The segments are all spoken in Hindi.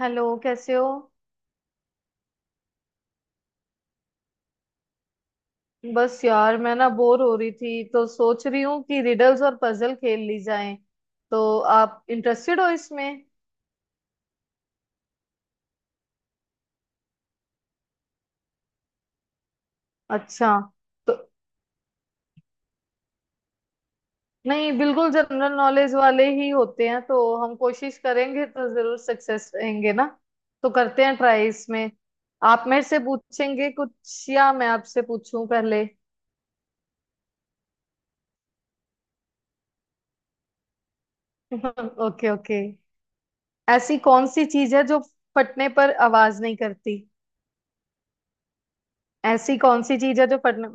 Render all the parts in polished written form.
हेलो, कैसे हो। बस यार, मैं ना बोर हो रही थी तो सोच रही हूँ कि रिडल्स और पजल खेल ली जाएं। तो आप इंटरेस्टेड हो इसमें? अच्छा। तो नहीं, बिल्कुल जनरल नॉलेज वाले ही होते हैं तो हम कोशिश करेंगे तो जरूर सक्सेस रहेंगे ना। तो करते हैं ट्राई इसमें। आप मेरे से पूछेंगे कुछ या मैं आपसे पूछूं पहले? Okay okay. ऐसी कौन सी चीज है जो फटने पर आवाज नहीं करती? ऐसी कौन सी चीज है जो फटने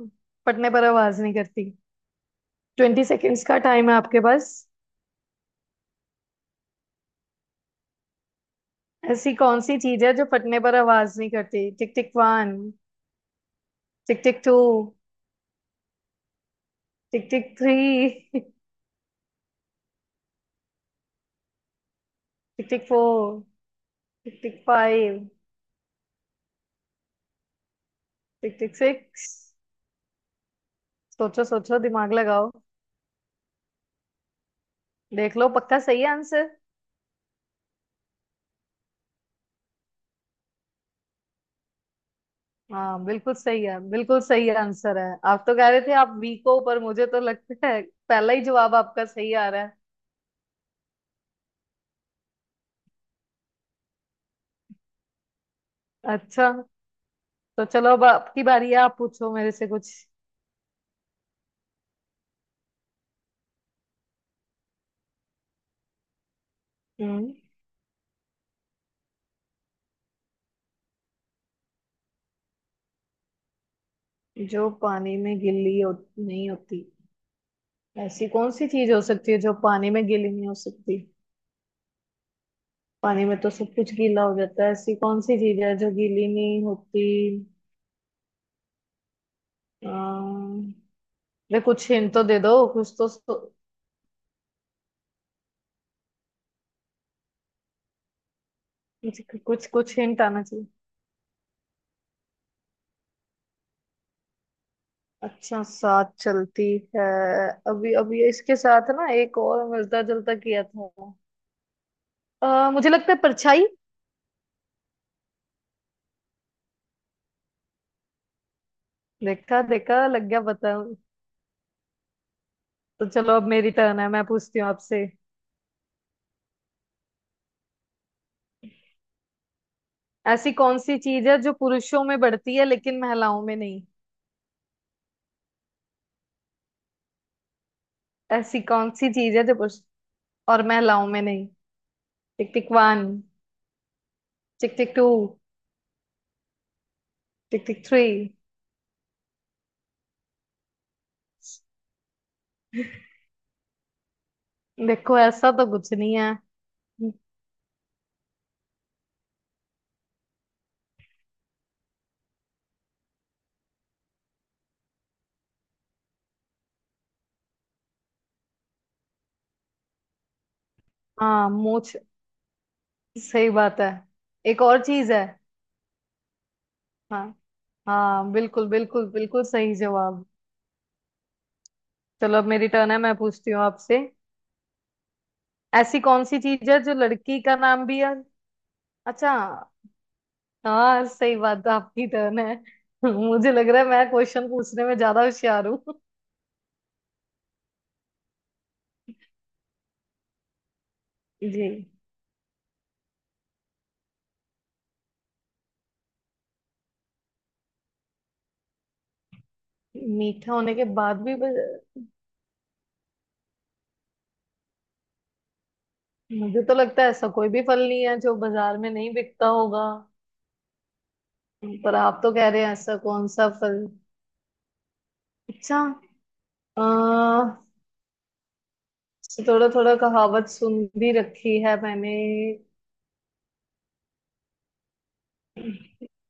फटने पर आवाज नहीं करती? ट्वेंटी सेकेंड्स का टाइम है आपके पास। ऐसी कौन सी चीज है जो फटने पर आवाज नहीं करती? Tick tick one. Tick tick two. Tick tick three. Tick tick four. Tick tick five. Tick tick six. सोचो सोचो, दिमाग लगाओ। देख लो, पक्का सही है आंसर। हाँ, बिल्कुल सही है। बिल्कुल सही आंसर है। आप तो कह रहे थे आप वीक हो, पर मुझे तो लगता है पहला ही जवाब आपका सही आ रहा है। अच्छा। तो चलो, अब आपकी बारी है। आप पूछो मेरे से कुछ। हम्म। जो पानी में गिल्ली हो, नहीं होती? ऐसी कौन सी चीज हो सकती है जो पानी में गीली नहीं हो सकती? पानी में तो सब कुछ गीला हो जाता है। ऐसी कौन सी चीज है जो गीली नहीं होती? अम्म, अरे, कुछ हिंट तो दे दो, कुछ तो। कुछ कुछ कुछ हिंट आना चाहिए। अच्छा, साथ चलती है। अभी अभी इसके साथ ना एक और मिलता जुलता किया था। मुझे लगता है परछाई। देखा देखा, लग गया पता। तो चलो, अब मेरी टर्न है। मैं पूछती हूँ आपसे। ऐसी कौन सी चीज है जो पुरुषों में बढ़ती है लेकिन महिलाओं में नहीं? ऐसी कौन सी चीज है जो पुरुष और महिलाओं में नहीं? Tick tick one. Tick tick two. Tick tick three. देखो, ऐसा तो कुछ नहीं है। हाँ, मूछ। सही बात है। एक और चीज है। हाँ। हाँ, बिल्कुल बिल्कुल बिल्कुल सही जवाब। चलो, अब मेरी टर्न है। मैं पूछती हूँ आपसे। ऐसी कौन सी चीज है जो लड़की का नाम भी है? अच्छा। हाँ, सही बात है, आपकी टर्न है। मुझे लग रहा है मैं क्वेश्चन पूछने में ज्यादा होशियार हूँ। जी। मीठा होने के बाद भी। मुझे तो लगता है ऐसा कोई भी फल नहीं है जो बाजार में नहीं बिकता होगा। पर आप तो कह रहे हैं ऐसा कौन सा फल? अच्छा। अह थोड़ा थोड़ा कहावत सुन भी रखी है मैंने।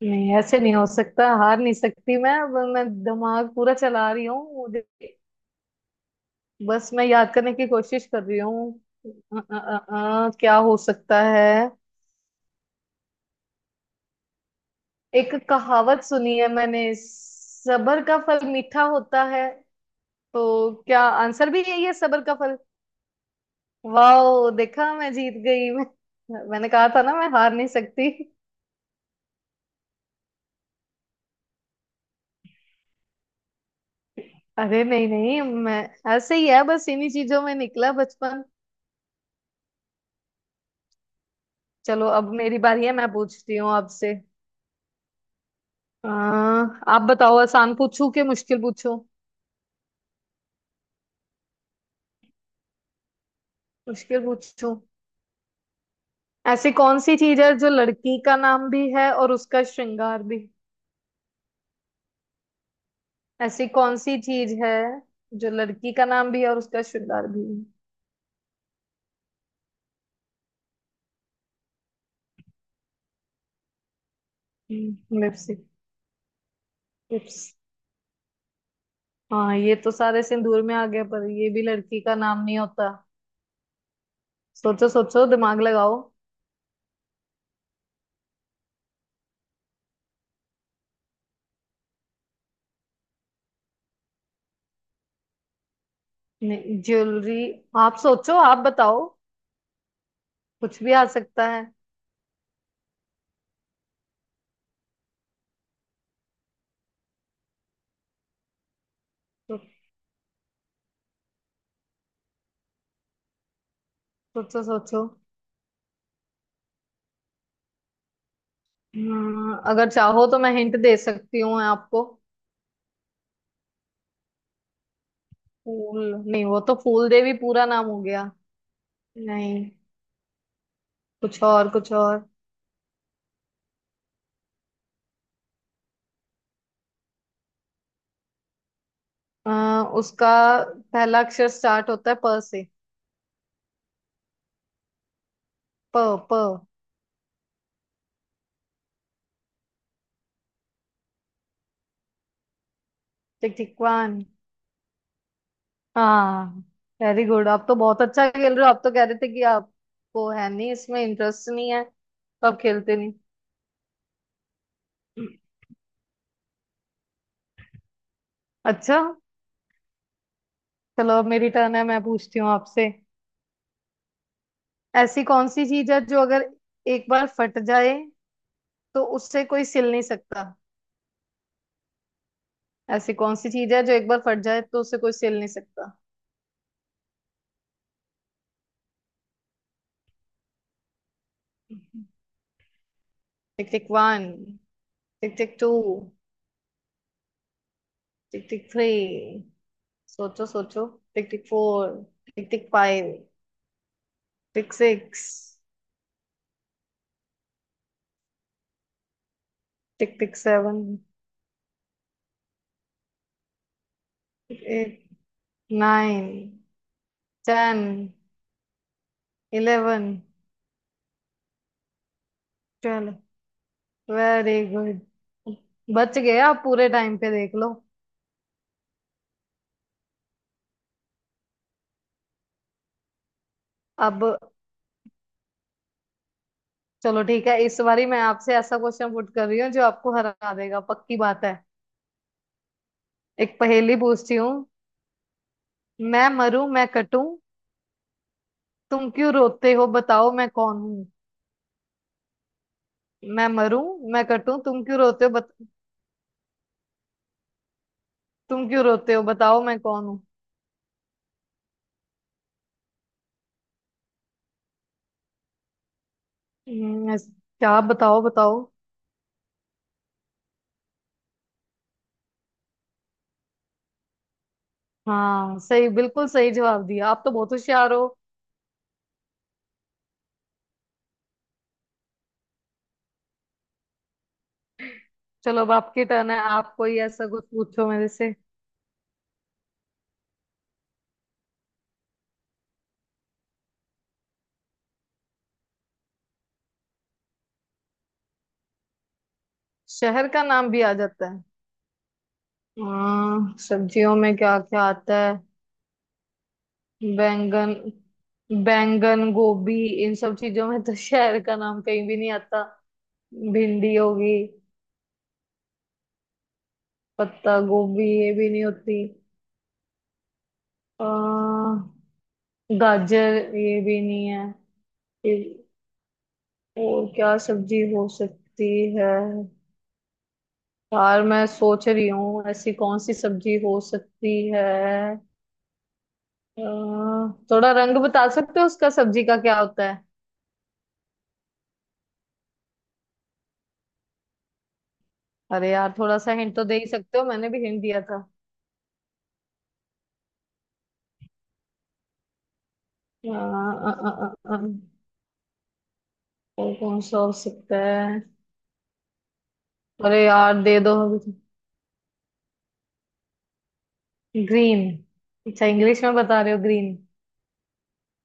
नहीं, ऐसे नहीं हो सकता। हार नहीं सकती मैं। अब मैं दिमाग पूरा चला रही हूँ। मुझे बस मैं याद करने की कोशिश कर रही हूँ। क्या हो सकता है? एक कहावत सुनी है मैंने, सबर का फल मीठा होता है। तो क्या आंसर भी यही है, सबर का फल? वाह, देखा! मैं जीत गई मैं। मैंने कहा था ना, मैं हार नहीं सकती। अरे, नहीं नहीं, मैं ऐसे ही है बस, इन्हीं चीजों में निकला बचपन। चलो, अब मेरी बारी है। मैं पूछती हूँ आपसे। आप बताओ, आसान पूछूं कि मुश्किल पूछूं? मुश्किल पूछूं। ऐसी कौन सी चीज है जो लड़की का नाम भी है और उसका श्रृंगार भी? ऐसी कौन सी चीज है? जो लड़की का नाम भी है और उसका श्रृंगार भी है? लिप्स। लिप्स। हाँ, ये तो सारे सिंदूर में आ गया, पर ये भी लड़की का नाम नहीं होता। सोचो सोचो, दिमाग लगाओ। नहीं, ज्वेलरी। आप सोचो, आप बताओ। कुछ भी आ सकता है। सो, सोचो सोचो। हाँ, अगर चाहो तो मैं हिंट दे सकती हूँ आपको। फूल नहीं, वो तो फूल देवी पूरा नाम हो गया। नहीं। कुछ और, कुछ और। उसका पहला अक्षर स्टार्ट होता है प से। प प। Tick tick one. हाँ। Very good. आप तो बहुत अच्छा खेल रहे हो। आप तो कह रहे थे कि आपको है नहीं, इसमें इंटरेस्ट नहीं है, तो आप खेलते नहीं। अच्छा। चलो, अब मेरी टर्न है। मैं पूछती हूँ आपसे। ऐसी कौन सी चीज है जो अगर एक बार फट जाए तो उससे कोई सिल नहीं सकता? ऐसी कौन सी चीज है जो एक बार फट जाए तो उसे कोई सिल नहीं सकता? Tick tick one. Tick tick two. Tick tick three. सोचो सोचो। Tick tick four. Tick tick five. Tick six. Tick tick seven. Tick eight. Nine. Ten. Eleven. Twelve. Very good. बच गए आप पूरे टाइम पे, देख लो। अब चलो ठीक है, इस बारी मैं आपसे ऐसा क्वेश्चन पुट कर रही हूँ जो आपको हरा देगा, पक्की बात है। एक पहेली पूछती हूँ। मैं मरूं, मैं कटूं, तुम क्यों रोते हो, बताओ मैं कौन हूं? मैं मरूं। मैं कटूं, तुम क्यों रोते हो। तुम क्यों रोते हो, बताओ मैं कौन हूँ? हम्म, ऐस- क्या बताओ बताओ। हाँ, सही, बिल्कुल सही जवाब दिया। आप तो बहुत होशियार हो। चलो, अब आपकी टर्न है। आप कोई ऐसा कुछ पूछो मेरे से। शहर का नाम भी आ जाता है? हाँ, सब्जियों में क्या क्या आता है? बैंगन। बैंगन गोभी। इन सब चीजों में तो शहर का नाम कहीं भी नहीं आता। भिंडी होगी। पत्ता गोभी, ये भी नहीं होती। अ, गाजर, ये भी नहीं है। ये- और क्या सब्जी हो सकती है? यार, मैं सोच रही हूँ ऐसी कौन सी सब्जी हो सकती है? अ, थोड़ा रंग बता सकते हो उसका, सब्जी का क्या होता है? अरे यार, थोड़ा सा हिंट तो दे ही सकते हो, मैंने भी हिंट दिया था। अ, अ, अ, अ, अ, और कौन सा हो सकता है? अरे यार, दे दो। ग्रीन। अच्छा, इंग्लिश में बता रहे हो, ग्रीन।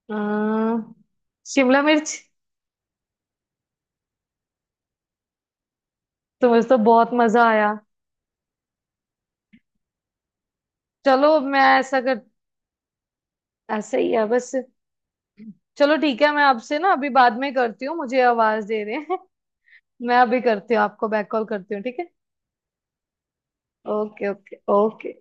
आ, शिमला मिर्च। तुम्हें तो बहुत मजा आया। चलो, मैं ऐसा कर ऐसा ही है बस। चलो ठीक है, मैं आपसे ना अभी बाद में करती हूँ, मुझे आवाज दे रहे हैं। मैं अभी करती हूँ, आपको बैक कॉल करती हूँ, ठीक है? Okay okay okay.